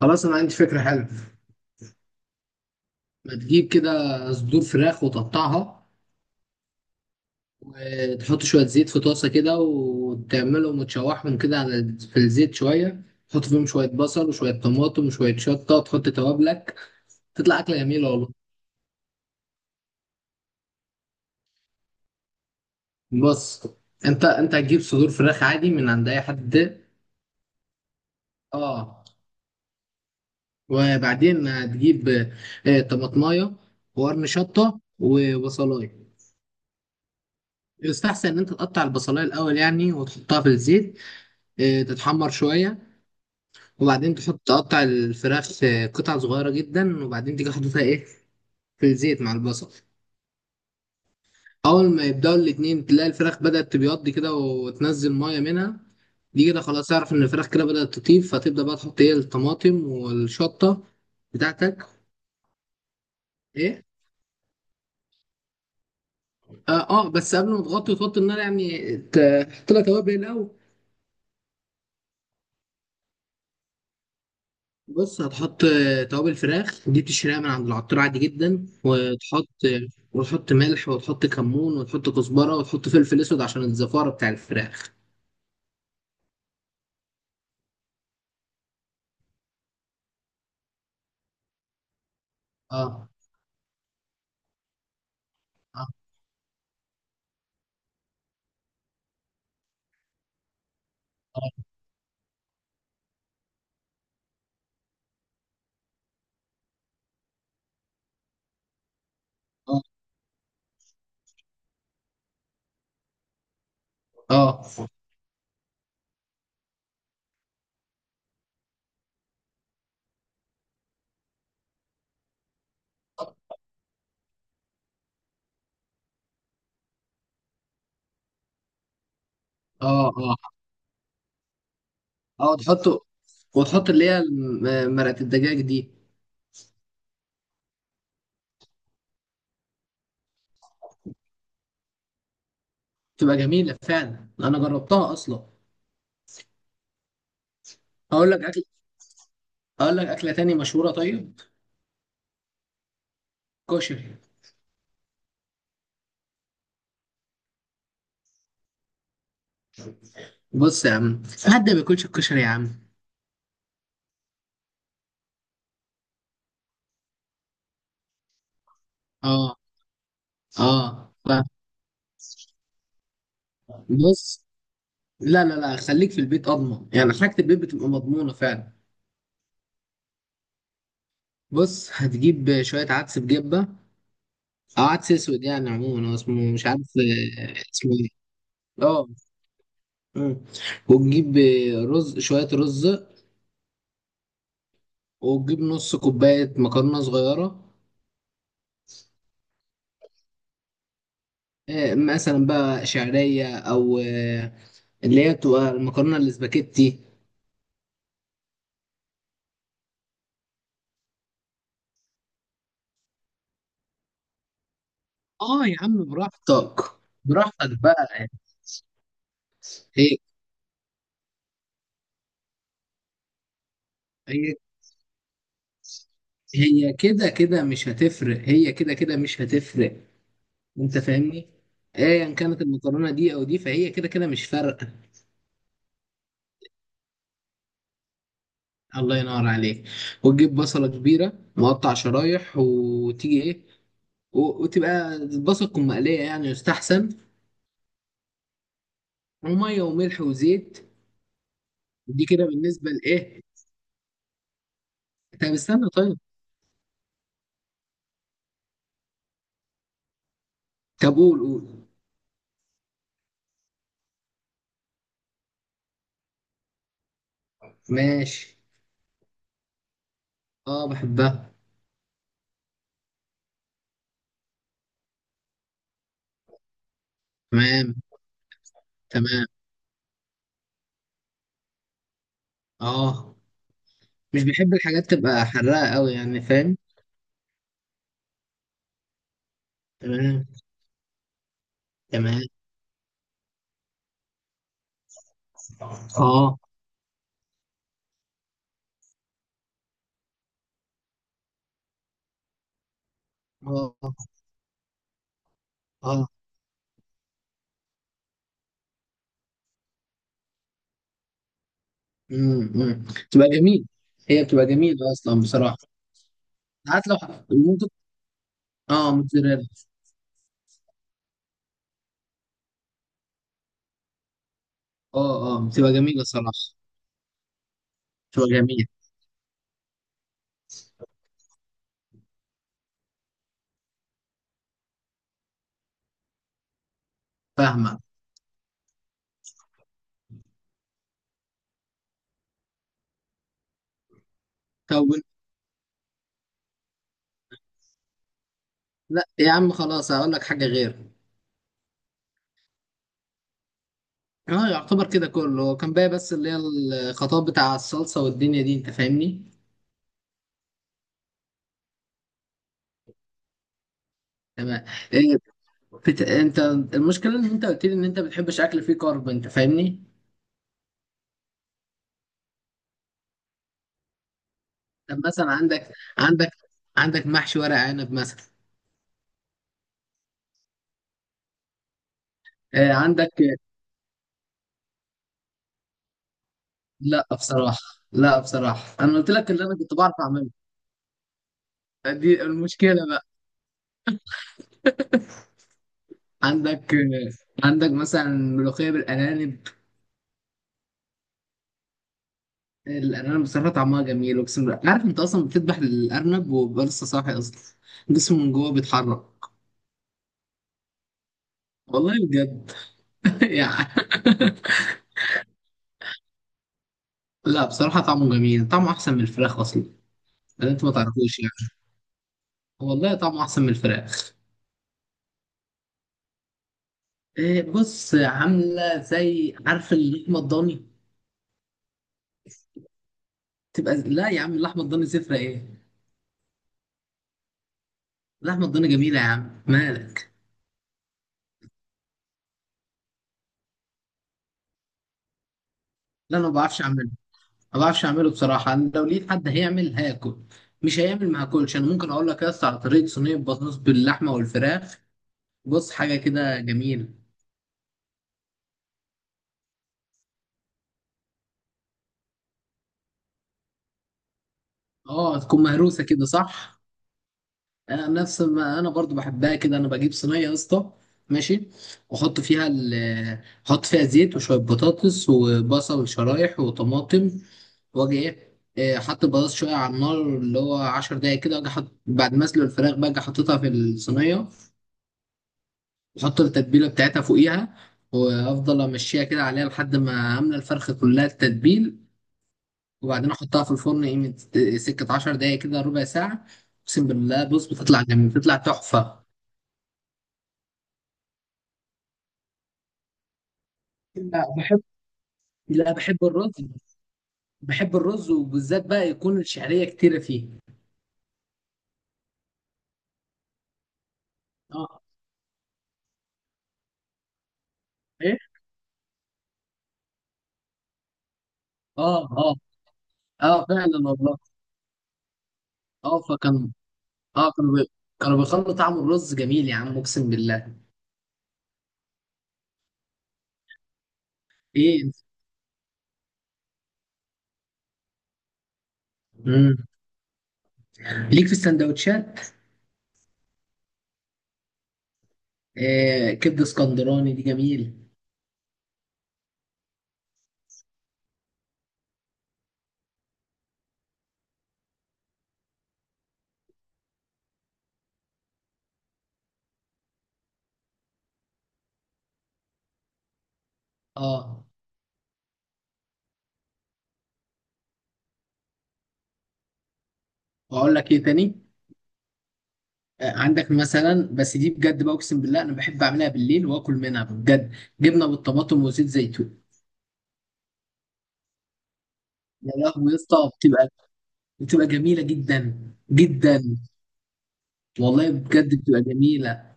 خلاص، انا عندي فكره حلوه. ما تجيب كده؟ صدور فراخ وتقطعها. تحط شويه زيت في طاسه كده، وتعملهم وتشوحهم كده على في الزيت شويه. تحط فيهم شويه بصل وشويه طماطم وشويه شطه، تحط توابلك. تطلع اكله جميله والله. بص، انت هتجيب صدور فراخ عادي من عند اي حد. اه، وبعدين هتجيب طماطمايه وقرن شطه وبصلايه. يستحسن ان انت تقطع البصلايه الاول يعني وتحطها في الزيت، تتحمر شويه. وبعدين تقطع الفراخ في قطع صغيرة جدا، وبعدين تيجي حاططها ايه في الزيت مع البصل. أول ما يبدأوا الاتنين تلاقي الفراخ بدأت تبيض كده وتنزل مية منها. دي كده خلاص، اعرف إن الفراخ كده بدأت تطيب، فتبدأ بقى تحط ايه الطماطم والشطة بتاعتك. ايه؟ اه، بس قبل ما تغطي وتوطي النار، يعني تحط لها توابل الأول. بص، هتحط توابل فراخ دي بتشتريها من عند العطار عادي جدا، وتحط، وتحط ملح وتحط كمون وتحط كزبرة وتحط فلفل اسود عشان الزفارة بتاع الفراخ. اه، اه، اه، اه، اه، اه، اه، تحطه. وتحط اللي هي مرقة الدجاج دي. بتبقى جميلة فعلا، انا جربتها اصلا. هقول لك اكل هقول لك اكلة تاني مشهورة، طيب. كشري. بص يا عم، حد ما بياكلش الكشري يا عم. اه، اه، بص. لا، لا، لا، خليك في البيت اضمن، يعني حاجه البيت بتبقى مضمونه فعلا. بص، هتجيب شويه عدس بجبه او عدس اسود، يعني عموما هو اسمه مش عارف، اسمه ايه. اه. مم. وتجيب شويه رز. وتجيب نص كوبايه مكرونه صغيره، مثلا بقى شعريه، او اللي هي بتبقى المكرونه الاسباجيتي. اه يا عم، براحتك. براحتك بقى. هي هي هي كده كده مش هتفرق، هي كده كده مش هتفرق. انت فاهمني؟ ايا كانت المكرونه دي او دي، فهي كده كده مش فارقه. الله ينور عليك. وتجيب بصله كبيره مقطع شرايح وتيجي ايه، وتبقى البصل تكون مقليه يعني يستحسن. وميه وملح وزيت. دي كده بالنسبه لايه. طب استنى طيب. طب قول قول. ماشي. اه، بحبها. تمام، تمام. اه، مش بحب الحاجات تبقى حراقه قوي، يعني فاهم؟ تمام، تمام. اه، اه، اه. بتبقى جميل. هي بتبقى جميلة أصلا بصراحة. ساعات لو ممكن. اه، موتزاريلا. اه، اه، بتبقى جميلة صراحة. بتبقى جميلة. فاهمة. كون لا يا عم، خلاص هقول لك حاجة غير. اه، يعتبر كده كله هو كان باقي، بس اللي هي الخطاب بتاع الصلصة والدنيا دي، أنت فاهمني؟ تمام. إيه. أنت، المشكلة إن أنت قلت لي إن أنت بتحبش أكل فيه كارب، أنت فاهمني؟ طب مثلا عندك محشي ورق عنب مثلا، عندك. لا بصراحة. لا بصراحة، أنا قلت لك اللي أنا كنت بعرف أعمله. دي المشكلة بقى. عندك عندك مثلا ملوخية بالأرانب. الأرانب بصراحة طعمها جميل، أقسم بالله. عارف أنت، أصلا بتذبح الأرنب وبيبقى لسه صاحي أصلا، جسمه من جوه بيتحرك. والله بجد. يعني. لا بصراحة، طعمه جميل، طعمه أحسن من الفراخ أصلا، اللي أنت ما تعرفوش يعني. والله طعمه أحسن من الفراخ. بص، عاملة زي عارف اللحمة الضاني. تبقى لا يا عم، اللحمة الضاني زفرة إيه، لحمة الضاني جميلة يا عم مالك. لا، انا ما بعرفش اعمله. ما بعرفش اعمله بصراحة، انا لو لقيت حد هيعمل هاكل، مش هيعمل ما هاكلش. انا ممكن اقول لك يا اسطى على طريقة صينية بطاطس باللحمة والفراخ. بص، حاجة كده جميلة. اه، تكون مهروسة كده صح. انا نفس ما انا برضو بحبها كده، انا بجيب صينيه يا اسطى. ماشي. واحط فيها ال احط فيها زيت وشويه بطاطس وبصل شرايح وطماطم. واجي ايه، حط البطاطس شويه على النار، اللي هو 10 دقايق كده، واجي حط بعد ما اسلق الفراخ بقى، اجي حاططها في الصينيه. واحط التتبيله بتاعتها فوقيها، وافضل امشيها كده عليها لحد ما املى الفرخه كلها التتبيل. وبعدين احطها في الفرن قيمه سكه 10 دقايق كده، ربع ساعه. اقسم بالله، بص بتطلع جميل، بتطلع تحفه. لا، بحب. لا، بحب الرز. بحب الرز، وبالذات بقى يكون الشعرية كتيرة فيه. اه. ايه. اه، اه. اه فعلا والله. اه فكان، اه، كانوا بيخلوا طعم الرز جميل يا عم، اقسم بالله. ايه انت؟ مم. ليك في السندوتشات. كبدة اسكندراني دي جميل. اه، واقول لك ايه تاني. عندك مثلا، بس دي بجد بقى اقسم بالله، انا بحب اعملها بالليل واكل منها بجد. جبنه بالطماطم وزيت زيتون. يا لهوي يا اسطى، بتبقى جميلة جدا، جدا، والله بجد بتبقى جميلة.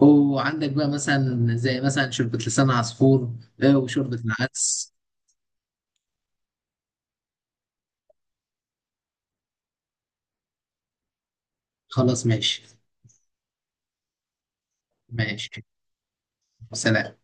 وعندك بقى مثلا زي مثلا شوربة لسان عصفور، وشوربة العدس. خلاص ماشي. ماشي. سلام.